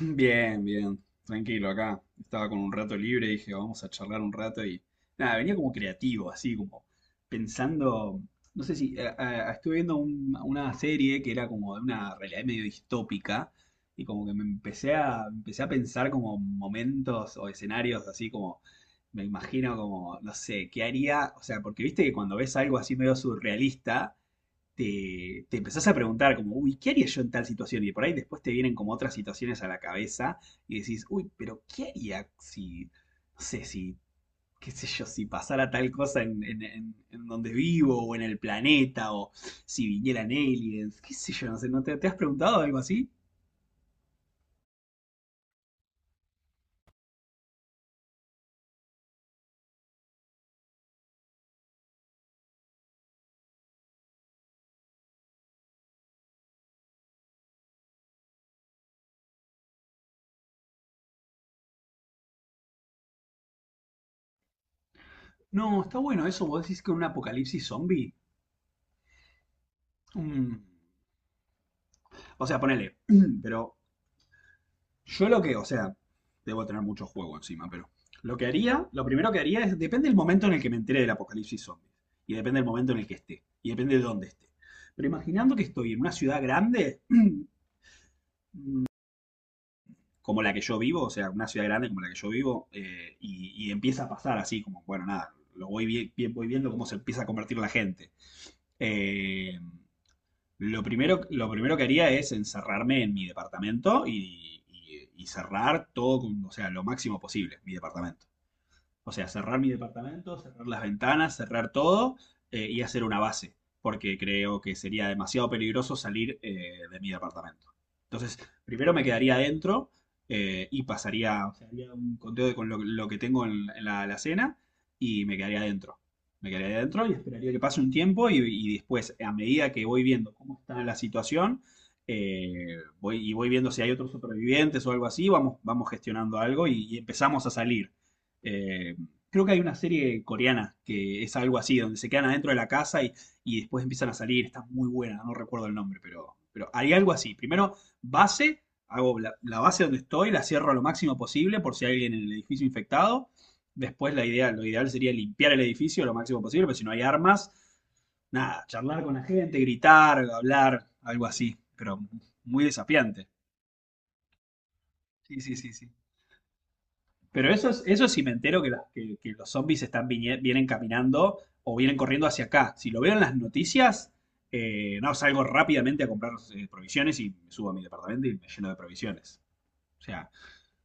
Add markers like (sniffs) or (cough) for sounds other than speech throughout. Bien, bien, tranquilo acá. Estaba con un rato libre, dije, vamos a charlar un rato y nada, venía como creativo, así como pensando, no sé si, estuve viendo una serie que era como de una realidad medio distópica y como que empecé a pensar como momentos o escenarios así como, me imagino como, no sé, ¿qué haría? O sea, porque viste que cuando ves algo así medio surrealista te empezás a preguntar como, uy, ¿qué haría yo en tal situación? Y por ahí después te vienen como otras situaciones a la cabeza y decís, uy, pero ¿qué haría si, no sé, si, qué sé yo, si pasara tal cosa en, en donde vivo o en el planeta o si vinieran aliens, qué sé yo, no sé, ¿no te has preguntado algo así? No, está bueno eso, vos decís que un apocalipsis zombie. Mm. O sea, ponele, (clears throat) pero yo lo que, o sea, debo tener mucho juego encima, pero lo que haría, lo primero que haría es, depende del momento en el que me entere del apocalipsis zombies, y depende del momento en el que esté, y depende de dónde esté. Pero imaginando que estoy en una ciudad grande, (clears throat) como la que yo vivo, o sea, una ciudad grande como la que yo vivo, y empieza a pasar así, como, bueno, nada, lo voy, voy viendo cómo se empieza a convertir la gente. Eh, lo primero que haría es encerrarme en mi departamento y, y cerrar todo, o sea, lo máximo posible, mi departamento. O sea, cerrar mi departamento, cerrar las ventanas, cerrar todo y hacer una base, porque creo que sería demasiado peligroso salir, de mi departamento. Entonces, primero me quedaría adentro, y pasaría, o sea, haría un conteo de con lo que tengo en la alacena y me quedaría adentro. Me quedaría adentro y esperaría que pase un tiempo y después, a medida que voy viendo cómo está la situación, voy, y voy viendo si hay otros supervivientes o algo así, vamos, vamos gestionando algo y empezamos a salir. Eh, Creo que hay una serie coreana que es algo así, donde se quedan adentro de la casa y después empiezan a salir. Está muy buena, no recuerdo el nombre, pero hay algo así. Primero, base, hago la, la base donde estoy, la cierro a lo máximo posible por si hay alguien en el edificio infectado. Después, la idea, lo ideal sería limpiar el edificio lo máximo posible, pero si no hay armas, nada, charlar con la gente, gritar, hablar, algo así. Pero muy desafiante. Sí, sí, sí, sí. Pero eso, es, eso sí me entero que, que los zombies están vienen caminando o vienen corriendo hacia acá. Si lo veo en las noticias, no, salgo rápidamente a comprar, provisiones y me subo a mi departamento y me lleno de provisiones. O sea,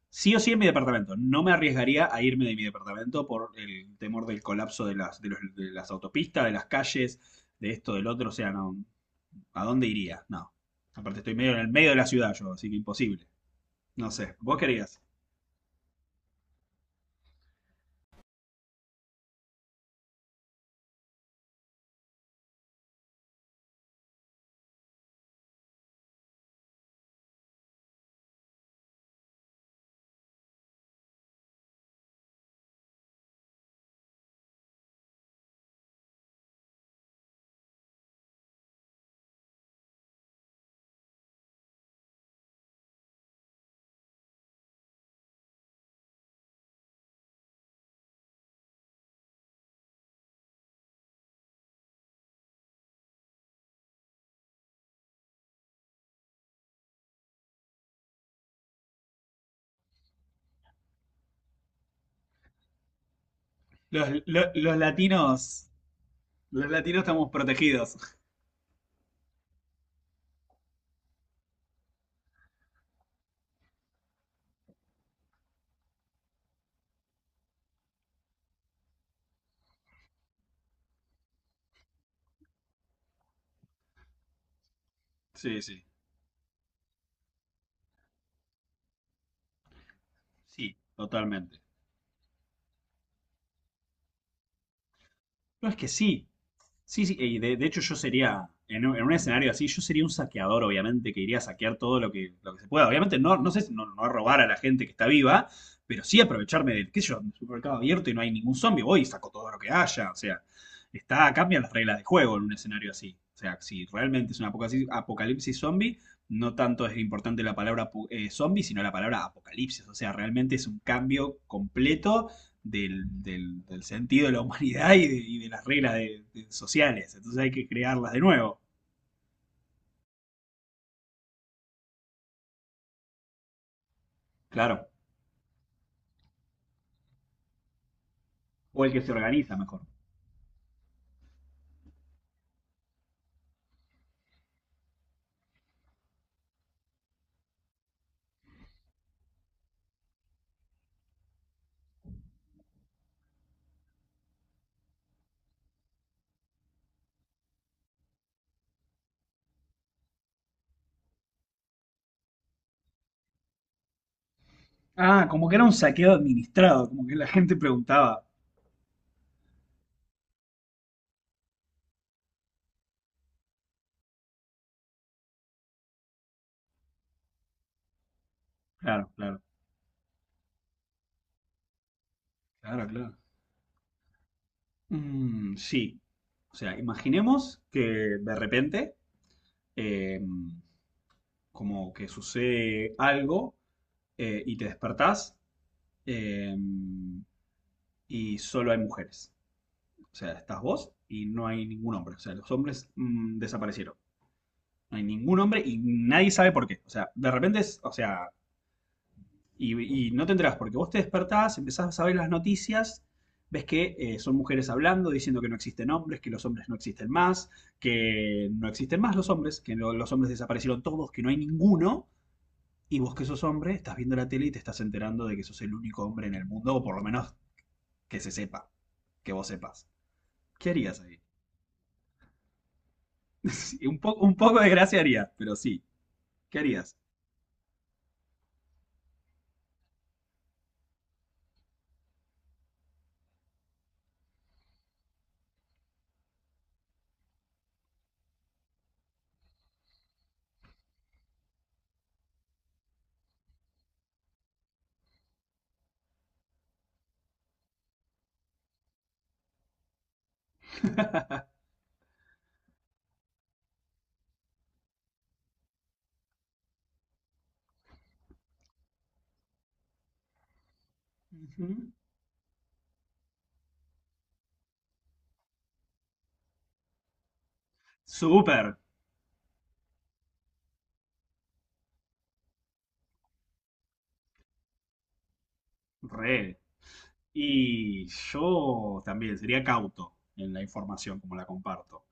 sí o sí en mi departamento. No me arriesgaría a irme de mi departamento por el temor del colapso de las, de las autopistas, de las calles, de esto, del otro. O sea, no, ¿a dónde iría? No. Aparte estoy medio en el medio de la ciudad yo, así que imposible. No sé, ¿vos querías? Los, los latinos. Los latinos estamos protegidos. Sí, sí. Sí. Totalmente. No es que sí. Sí, sí, y de hecho yo sería, en un escenario así, yo sería un saqueador, obviamente, que iría a saquear todo lo que se pueda. Obviamente no, no sé, no, no a robar a la gente que está viva, pero sí aprovecharme del, qué sé yo, un supermercado abierto y no hay ningún zombie, voy y saco todo lo que haya. O sea, está, cambian las reglas de juego en un escenario así. O sea, si realmente es un apocalipsis, apocalipsis zombie, no tanto es importante la palabra zombie, sino la palabra apocalipsis. O sea, realmente es un cambio completo del, del sentido de la humanidad y de las reglas de sociales. Entonces hay que crearlas de nuevo. Claro. O el que se organiza mejor. Ah, como que era un saqueo administrado, como que la gente preguntaba. Claro, claro. Claro, claro. Mm, sí. O sea, imaginemos que de repente, eh, como que sucede algo, y te despertás, eh, y solo hay mujeres. O sea, estás vos y no hay ningún hombre. O sea, los hombres desaparecieron. No hay ningún hombre y nadie sabe por qué. O sea, de repente, es, o sea, y no te enterás porque vos te despertás, empezás a ver las noticias, ves que, son mujeres hablando, diciendo que no existen hombres, que los hombres no existen más, que no existen más los hombres, que los hombres desaparecieron todos, que no hay ninguno. Y vos que sos hombre, estás viendo la tele y te estás enterando de que sos el único hombre en el mundo, o por lo menos que se sepa, que vos sepas. ¿Qué harías ahí? (laughs) un un poco de gracia haría, pero sí. ¿Qué harías? (laughs) Súper. Re. Y yo también sería cauto en la información como la comparto.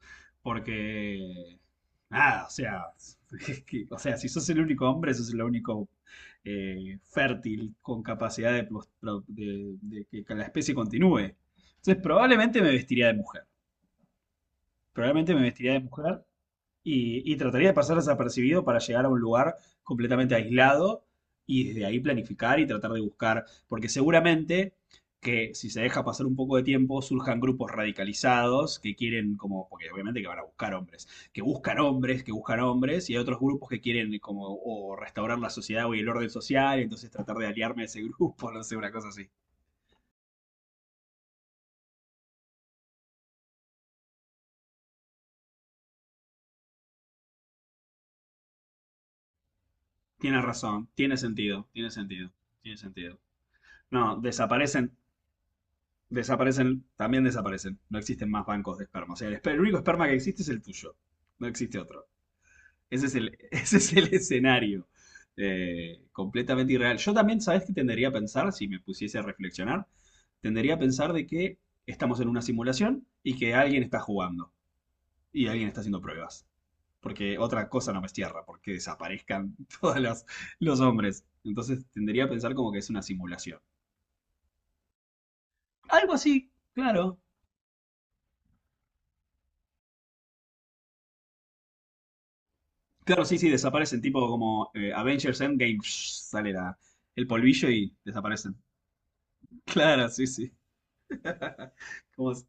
Porque, nada, o sea, (laughs) o sea, si sos el único hombre, sos el único, fértil con capacidad de, de que la especie continúe. Entonces, probablemente me vestiría de mujer. Probablemente me vestiría de mujer y trataría de pasar desapercibido para llegar a un lugar completamente aislado y desde ahí planificar y tratar de buscar, porque seguramente que si se deja pasar un poco de tiempo surjan grupos radicalizados que quieren como, porque obviamente que van a buscar hombres, que buscan hombres, que buscan hombres, y hay otros grupos que quieren como o restaurar la sociedad o el orden social, y entonces tratar de aliarme a ese grupo, (laughs) no sé, una cosa así. Tienes razón, tiene sentido, tiene sentido, tiene sentido. No, desaparecen. Desaparecen, también desaparecen. No existen más bancos de esperma. O sea, el, el único esperma que existe es el tuyo. No existe otro. Ese es el, (laughs) ese es el escenario. Eh, completamente irreal. Yo también, ¿sabes qué tendería a pensar si me pusiese a reflexionar? Tendería a pensar de que estamos en una simulación y que alguien está jugando y alguien está haciendo pruebas. Porque otra cosa no me cierra, porque desaparezcan (laughs) todos los hombres. Entonces tendería a pensar como que es una simulación. Algo así, claro. Claro, sí, sí, desaparecen, tipo como, Avengers Endgame, (sniffs) sale la, el polvillo y desaparecen. (laughs) Claro, sí, sí. (laughs) ¿Cómo es?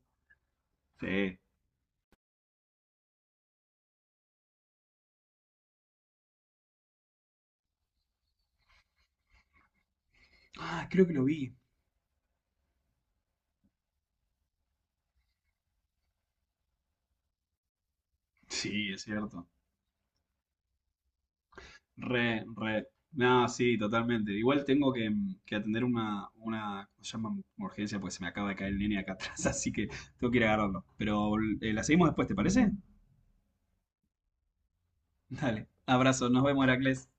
Sí. Ah, creo que lo vi. Sí, es cierto. Re, re. No, sí, totalmente. Igual tengo que atender una, ¿cómo se llama? Urgencia, porque se me acaba de caer el nene acá atrás, (laughs) así que tengo que ir a agarrarlo. Pero, la seguimos después, ¿te parece? Dale. Abrazo, nos vemos, Heracles.